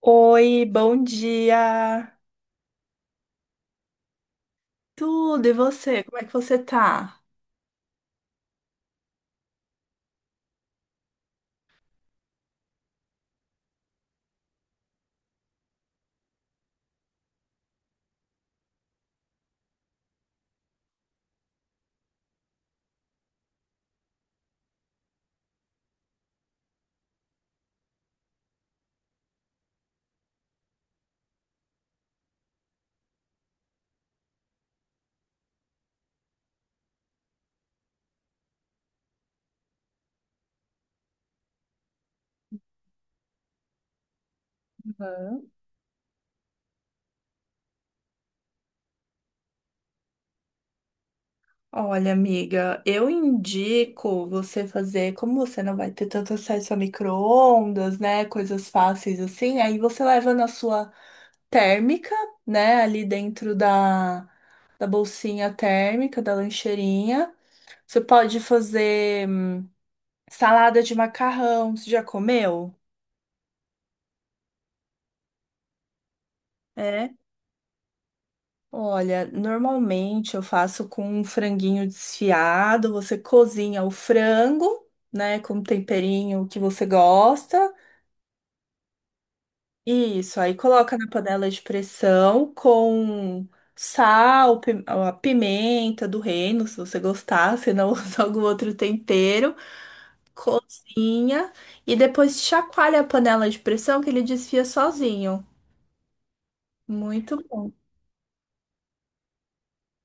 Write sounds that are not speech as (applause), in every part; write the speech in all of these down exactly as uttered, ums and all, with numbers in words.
Oi, bom dia. Tudo, e você? Como é que você tá? Olha, amiga, eu indico você fazer, como você não vai ter tanto acesso a micro-ondas, né? Coisas fáceis assim, aí você leva na sua térmica, né? Ali dentro da, da bolsinha térmica, da lancheirinha. Você pode fazer hum, salada de macarrão, você já comeu? É. Olha, normalmente eu faço com um franguinho desfiado. Você cozinha o frango, né, com o temperinho que você gosta. Isso, aí coloca na panela de pressão com sal, pi- a pimenta do reino, se você gostar, se não (laughs) usa algum outro tempero. Cozinha e depois chacoalha a panela de pressão que ele desfia sozinho. Muito bom.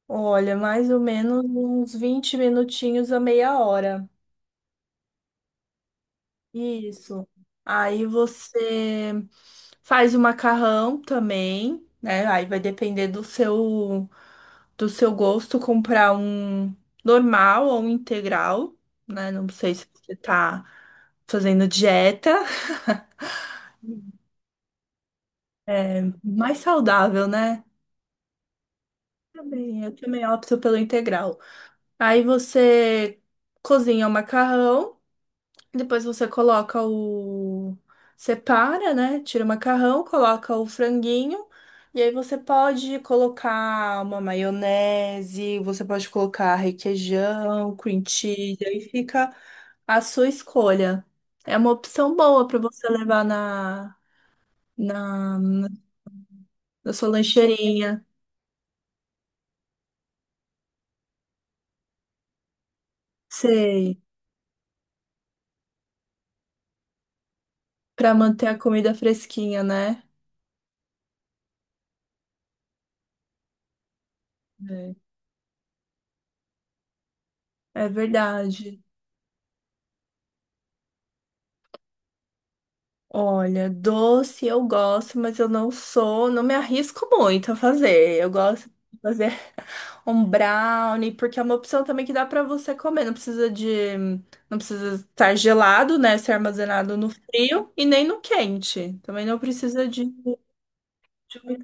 Olha, mais ou menos uns vinte minutinhos a meia hora. Isso. Aí você faz o macarrão também, né? Aí vai depender do seu do seu gosto comprar um normal ou um integral, né? Não sei se você tá fazendo dieta, (laughs) mais saudável, né? Também, eu também opto pelo integral. Aí você cozinha o macarrão. Depois você coloca o. Separa, né? Tira o macarrão, coloca o franguinho. E aí você pode colocar uma maionese, você pode colocar requeijão, cream cheese, aí fica a sua escolha. É uma opção boa para você levar na, na, na sua lancheirinha. Sei, para manter a comida fresquinha, né? É, é verdade. Olha, doce eu gosto, mas eu não sou, não me arrisco muito a fazer. Eu gosto de fazer um brownie, porque é uma opção também que dá pra você comer. Não precisa de, não precisa estar gelado, né? Ser armazenado no frio e nem no quente. Também não precisa de, de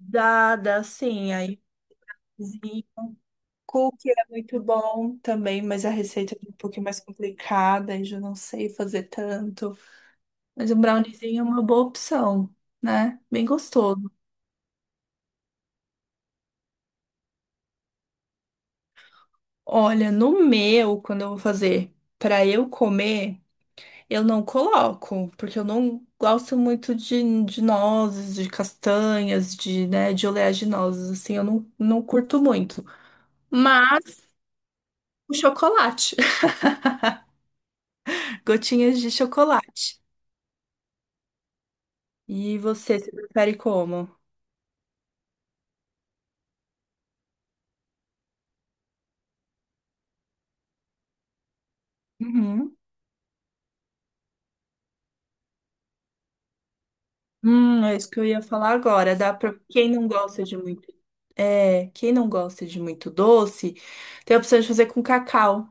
umidade, assim. Aí, cozinha. Cookie é muito bom também, mas a receita é um pouquinho mais complicada e já não sei fazer tanto. Mas um browniezinho é uma boa opção, né? Bem gostoso. Olha, no meu, quando eu vou fazer para eu comer, eu não coloco, porque eu não gosto muito de, de nozes, de castanhas, de, né, de oleaginosas, assim, eu não, não curto muito. Mas o chocolate, (laughs) gotinhas de chocolate. E você, se prefere como? Uhum. Hum, é isso que eu ia falar agora. Dá para quem não gosta de muito, é, quem não gosta de muito doce, tem a opção de fazer com cacau.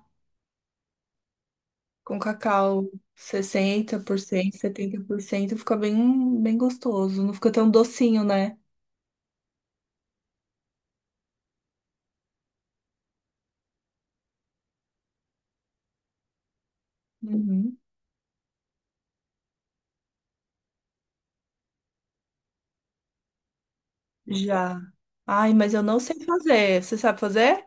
Com cacau sessenta por cento setenta por cento fica bem, bem gostoso. Não fica tão docinho, né? Uhum. Já. Ai, mas eu não sei fazer. Você sabe fazer?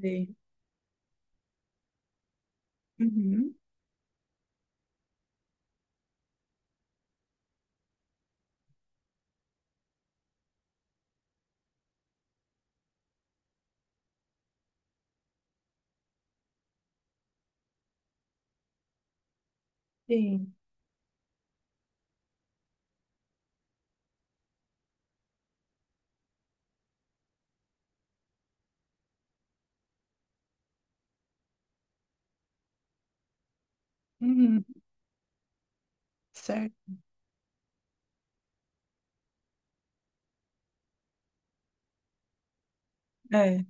Sim. Uhum. Sim. Uhum. Certo. É.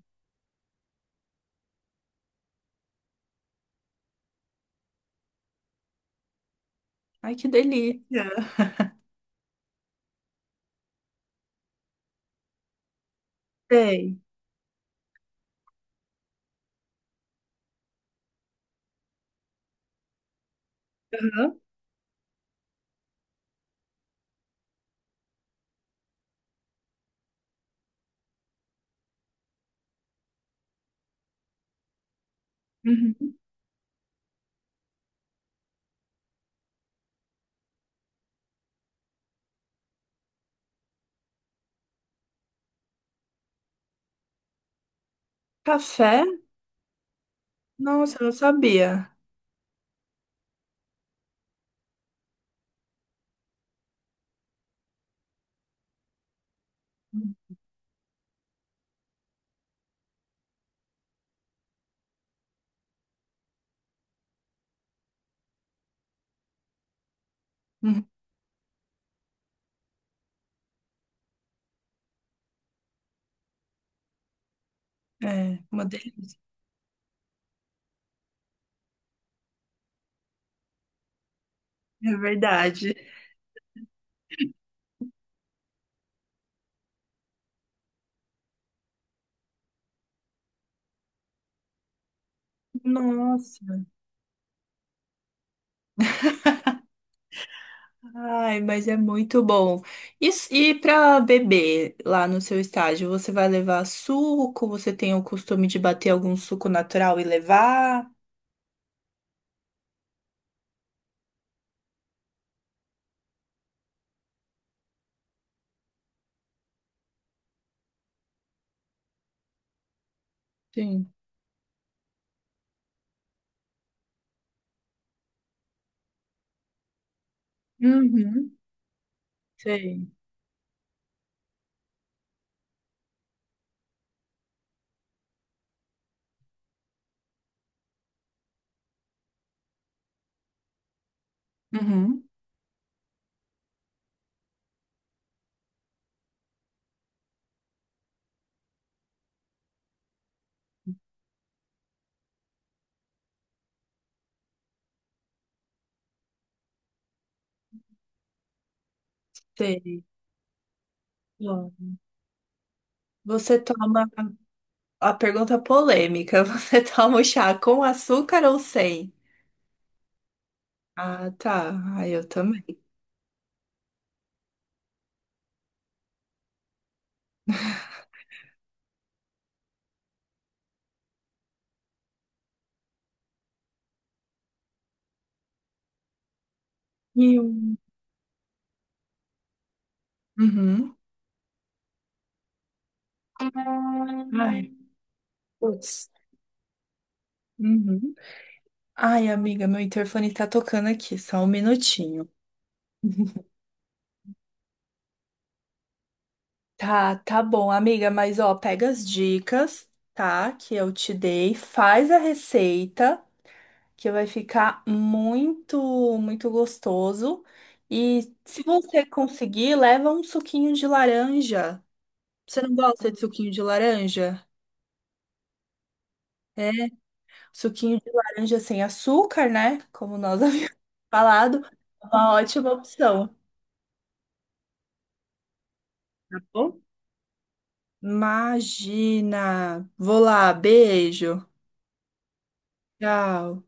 Ai, que delícia. Sei. Uhum. Uhum. Café? Nossa, eu não sabia. Uhum. É, uma delícia. É verdade. Nossa. Ai, mas é muito bom. E, e para beber lá no seu estágio, você vai levar suco? Você tem o costume de bater algum suco natural e levar? Sim. Uhum. Sei. Uhum. Sei. Bom, Você toma a pergunta polêmica. (laughs) Você toma o chá com açúcar ou sem? Ah, tá. Ai, eu também. E um- Uhum. Ai, putz. Uhum. Ai, amiga, meu interfone tá tocando aqui. Só um minutinho. Tá, tá bom, amiga, mas ó, pega as dicas, tá? Que eu te dei, faz a receita, que vai ficar muito, muito gostoso. E se você conseguir, leva um suquinho de laranja. Você não gosta de suquinho de laranja? É, suquinho de laranja sem açúcar, né? Como nós (laughs) havíamos falado, é uma ótima opção, tá bom? Imagina! Vou lá, beijo. Tchau.